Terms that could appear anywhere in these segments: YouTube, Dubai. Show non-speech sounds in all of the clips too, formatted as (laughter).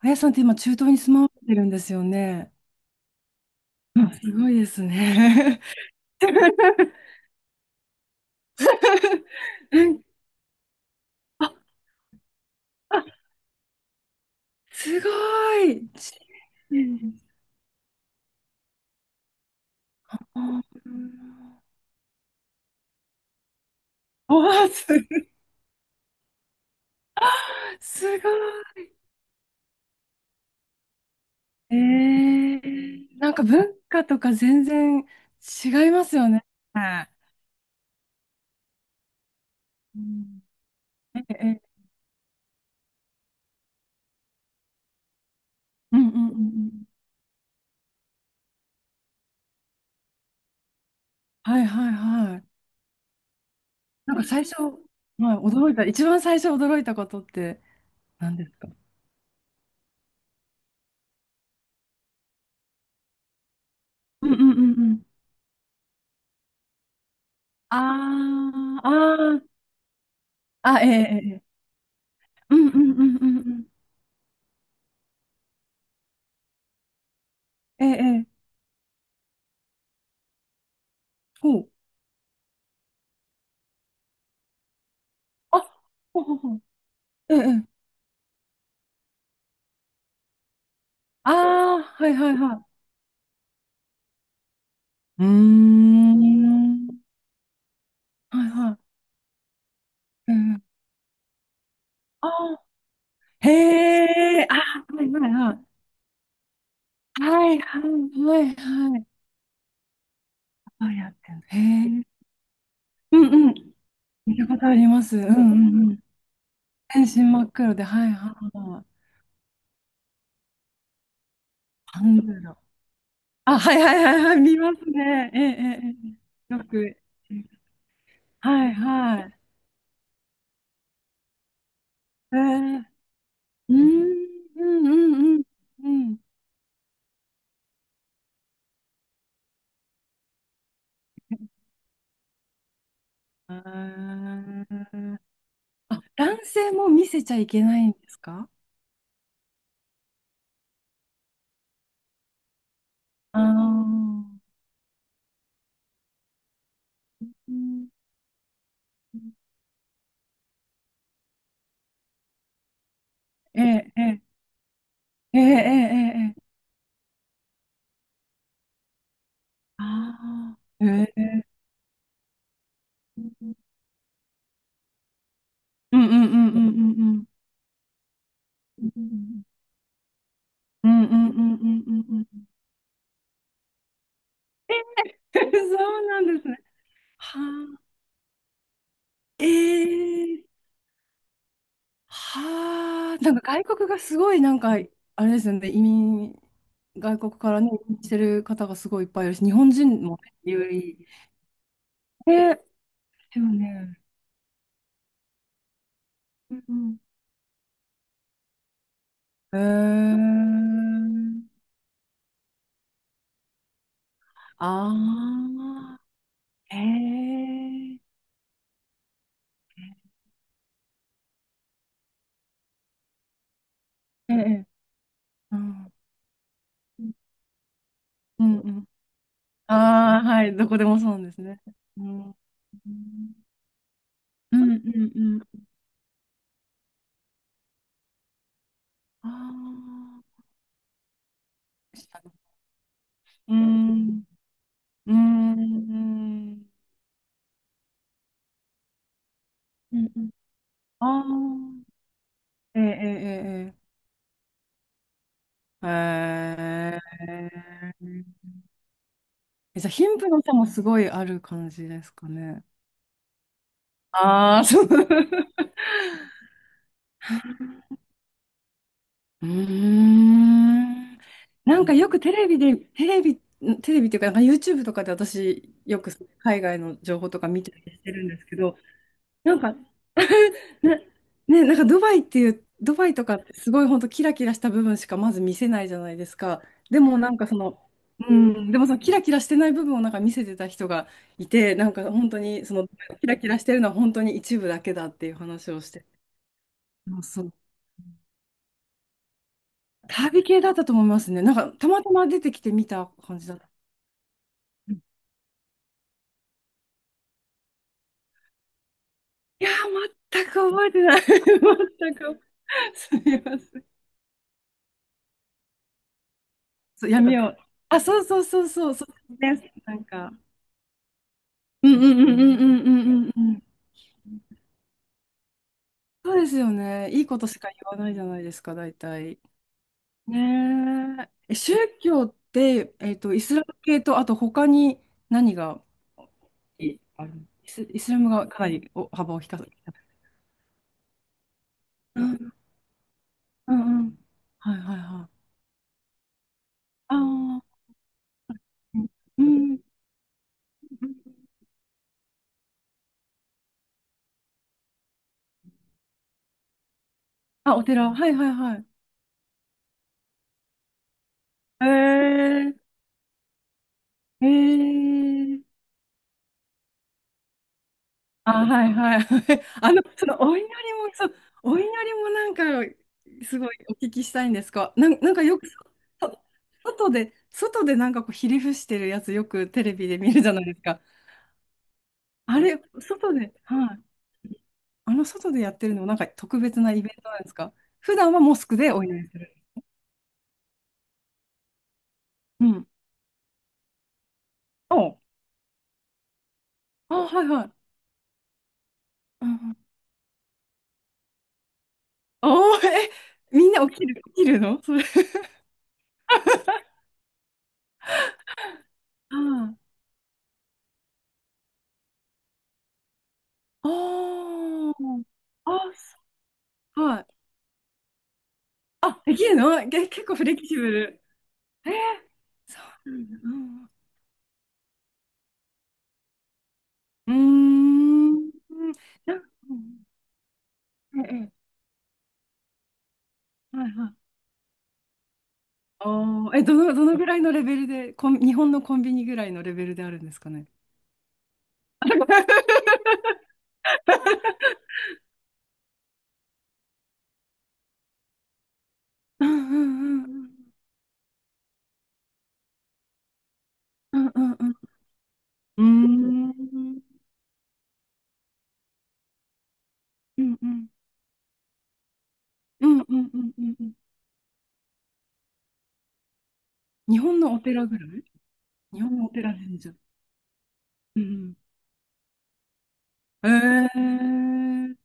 あやさんって今、中東に住まわれてるんですよね。うん。すごいですね。(laughs) うん。あ、あすごい。うおー、すごい。えなんか文化とか全然違いますよね。うん。ええ、うんうんうんうん。はいはいはい。なんか最初、はい、驚いた、一番最初驚いたことって何ですか？うんうんうん。ああ、ああ、あ、ええ、ええ、うんうんうんうんうん、ええ、ええ、ほう、あ、ほうほうほう、ええ、ええ。ああ、はいはいはい。うーん、はいはい、ええ、ああ、へえ、ああ、はいはいはい、はいはいはいはい、あ、やってんの、へえ、うんうん、見たことあります、うんうんうん、全身真っ黒で、はいはいはい、パンダロ、あ、はいはいはいはい、見ますね、ええ、ええ、ええ、よく。はいはい。えー、うーん、うん、うん、うん。うん。あーあ。男性も見せちゃいけないんですか？ああー、うん。ええ、ええ、ええ、ええ、ええ。ああ、ええ、うんうんうんうんうんうん。うんうんうんうんうんうん。(laughs) そうなんですね。はあ。ええ。はあ、なんか外国がすごいなんか、あれですよね、移民、外国からね、移民してる方がすごいいっぱいいるし、日本人もね有利。え、でもね、うんうん。えー、ああ、えー、ええ、うん、うんうん。ああ、はい、どこでもそうなんですね。うん、うんうんうん。ああ、うん、うん、うん、うん。うん。ああ、ええええええ。へええ。じゃあ、貧富の差もすごいある感じですかね？ああ、そう。(laughs) うーん。なんかよくテレビで、テレビ、テレビっていうか、なんか YouTube とかで私、よく海外の情報とか見たりしてるんですけど、なんか、(laughs) ね、ね、なんかドバイとかってすごい本当キラキラした部分しかまず見せないじゃないですか。でもなんかその、うん、でもそのキラキラしてない部分をなんか見せてた人がいて、なんか本当にそのキラキラしてるのは本当に一部だけだっていう話をして。そうそう。旅系だったと思いますね。なんかたまたま出てきて見た感じだった。うん。いやー、全く覚えてない。(laughs) 全く。すみません。そう、闇を。あ、そうそうそうそう、そうです。なんか。うんうんうんうんうんうんうんうん。そうですよね。いいことしか言わないじゃないですか、大体。ねえ。え、宗教って、イスラム系と、あと他に何が、いある、イスラムがかなりお幅を引かせて。うんうんうん。はいはいはい。ああ、うん。うん。あ、お寺。はいはいはい。へえ。へえ。あ、はいはい。(laughs) そのお祈りも、そう、お祈りもなんか、すごいお聞きしたいんですか。なんかよく、そ外で、外でなんかこう、ひり伏してるやつ、よくテレビで見るじゃないですか。あれ、外で、はい。あの、外でやってるのも、なんか特別なイベントなんですか？普段はモスクでお祈りする？うん。おあ、はいはい。うんうん。おー、え、みんな起きるのそれ？(laughs) ああ、あーあ、そうはい。あ、できるのけ結構フレキシブル。えー、そうなんだ。うん。うーん。なんか、ええ、はいはい。ああ、え、どのぐらいのレベルで、日本のコンビニぐらいのレベルであるんですかね？うんうんうんうんうんうんうんうんうんうんうんうんうんうん。日本のお寺ぐらい、日本のお寺、神社。うんうん。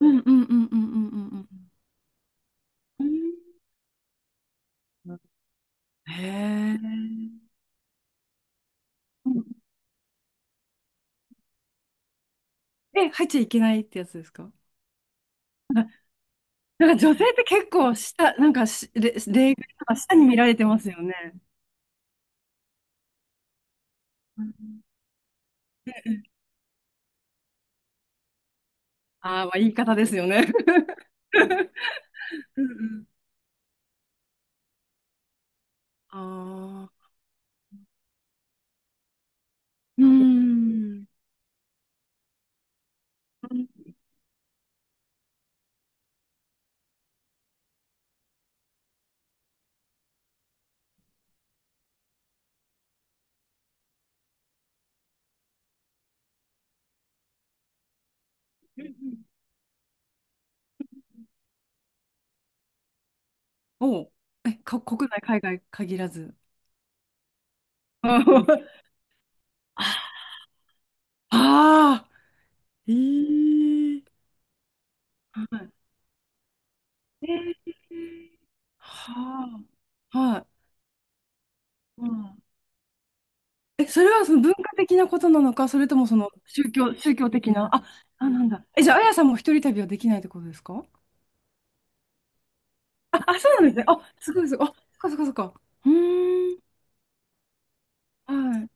うんうんうんうんうんうんうん。うん。へえ。うんえ、入っちゃいけないってやつですか？なんか女性って結構下、なんか例外とか下に見られてますよね。ああー、まあ言い方ですよね。(laughs) うんうん (laughs) ああ、うーん。うんうん。おう、え、国内、海外限らず。(laughs) ああ。ええ。はい。ええ。はあ、はい。うんえ、それはその文化的なことなのか、それともその宗教的な、あ。あ、なんだ。え、じゃあ、あやさんも一人旅はできないってことですか？あ、そうなんですね。あ、すごいすごい。あ、そっかそっかそっか。うーん。はい。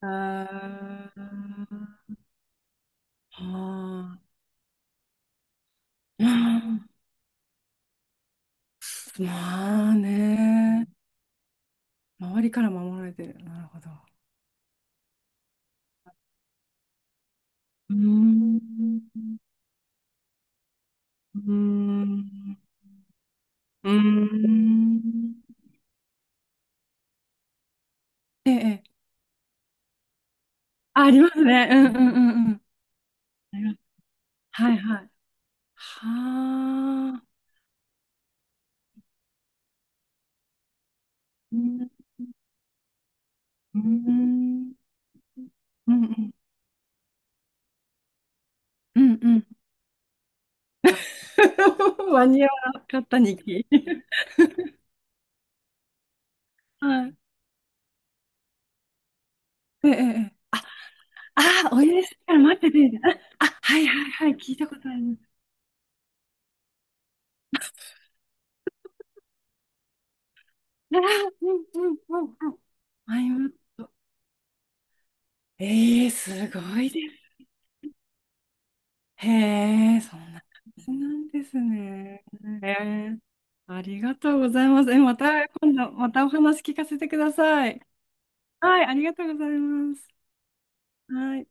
あーあー。うん。まあね。周りから守られてる。なるほど。うーん。うーん。うーん。ええ。あ、ありますね。うんうんうんうん。あります。はいはい。はあ。うん。うん。うん。うん。うん。(laughs) 間に合わなかったにき。はい。ええ。ええ、あ、あー、お湯ですから待ってて。あ、あはいはいはい。聞いたことあります。あー、うんうんうんうん。アイマット。ええ、すごいです。へえ、そんな感じなんですね。ええ。ありがとうございます。え、また今度、またお話聞かせてください。はい、ありがとうございます。はい。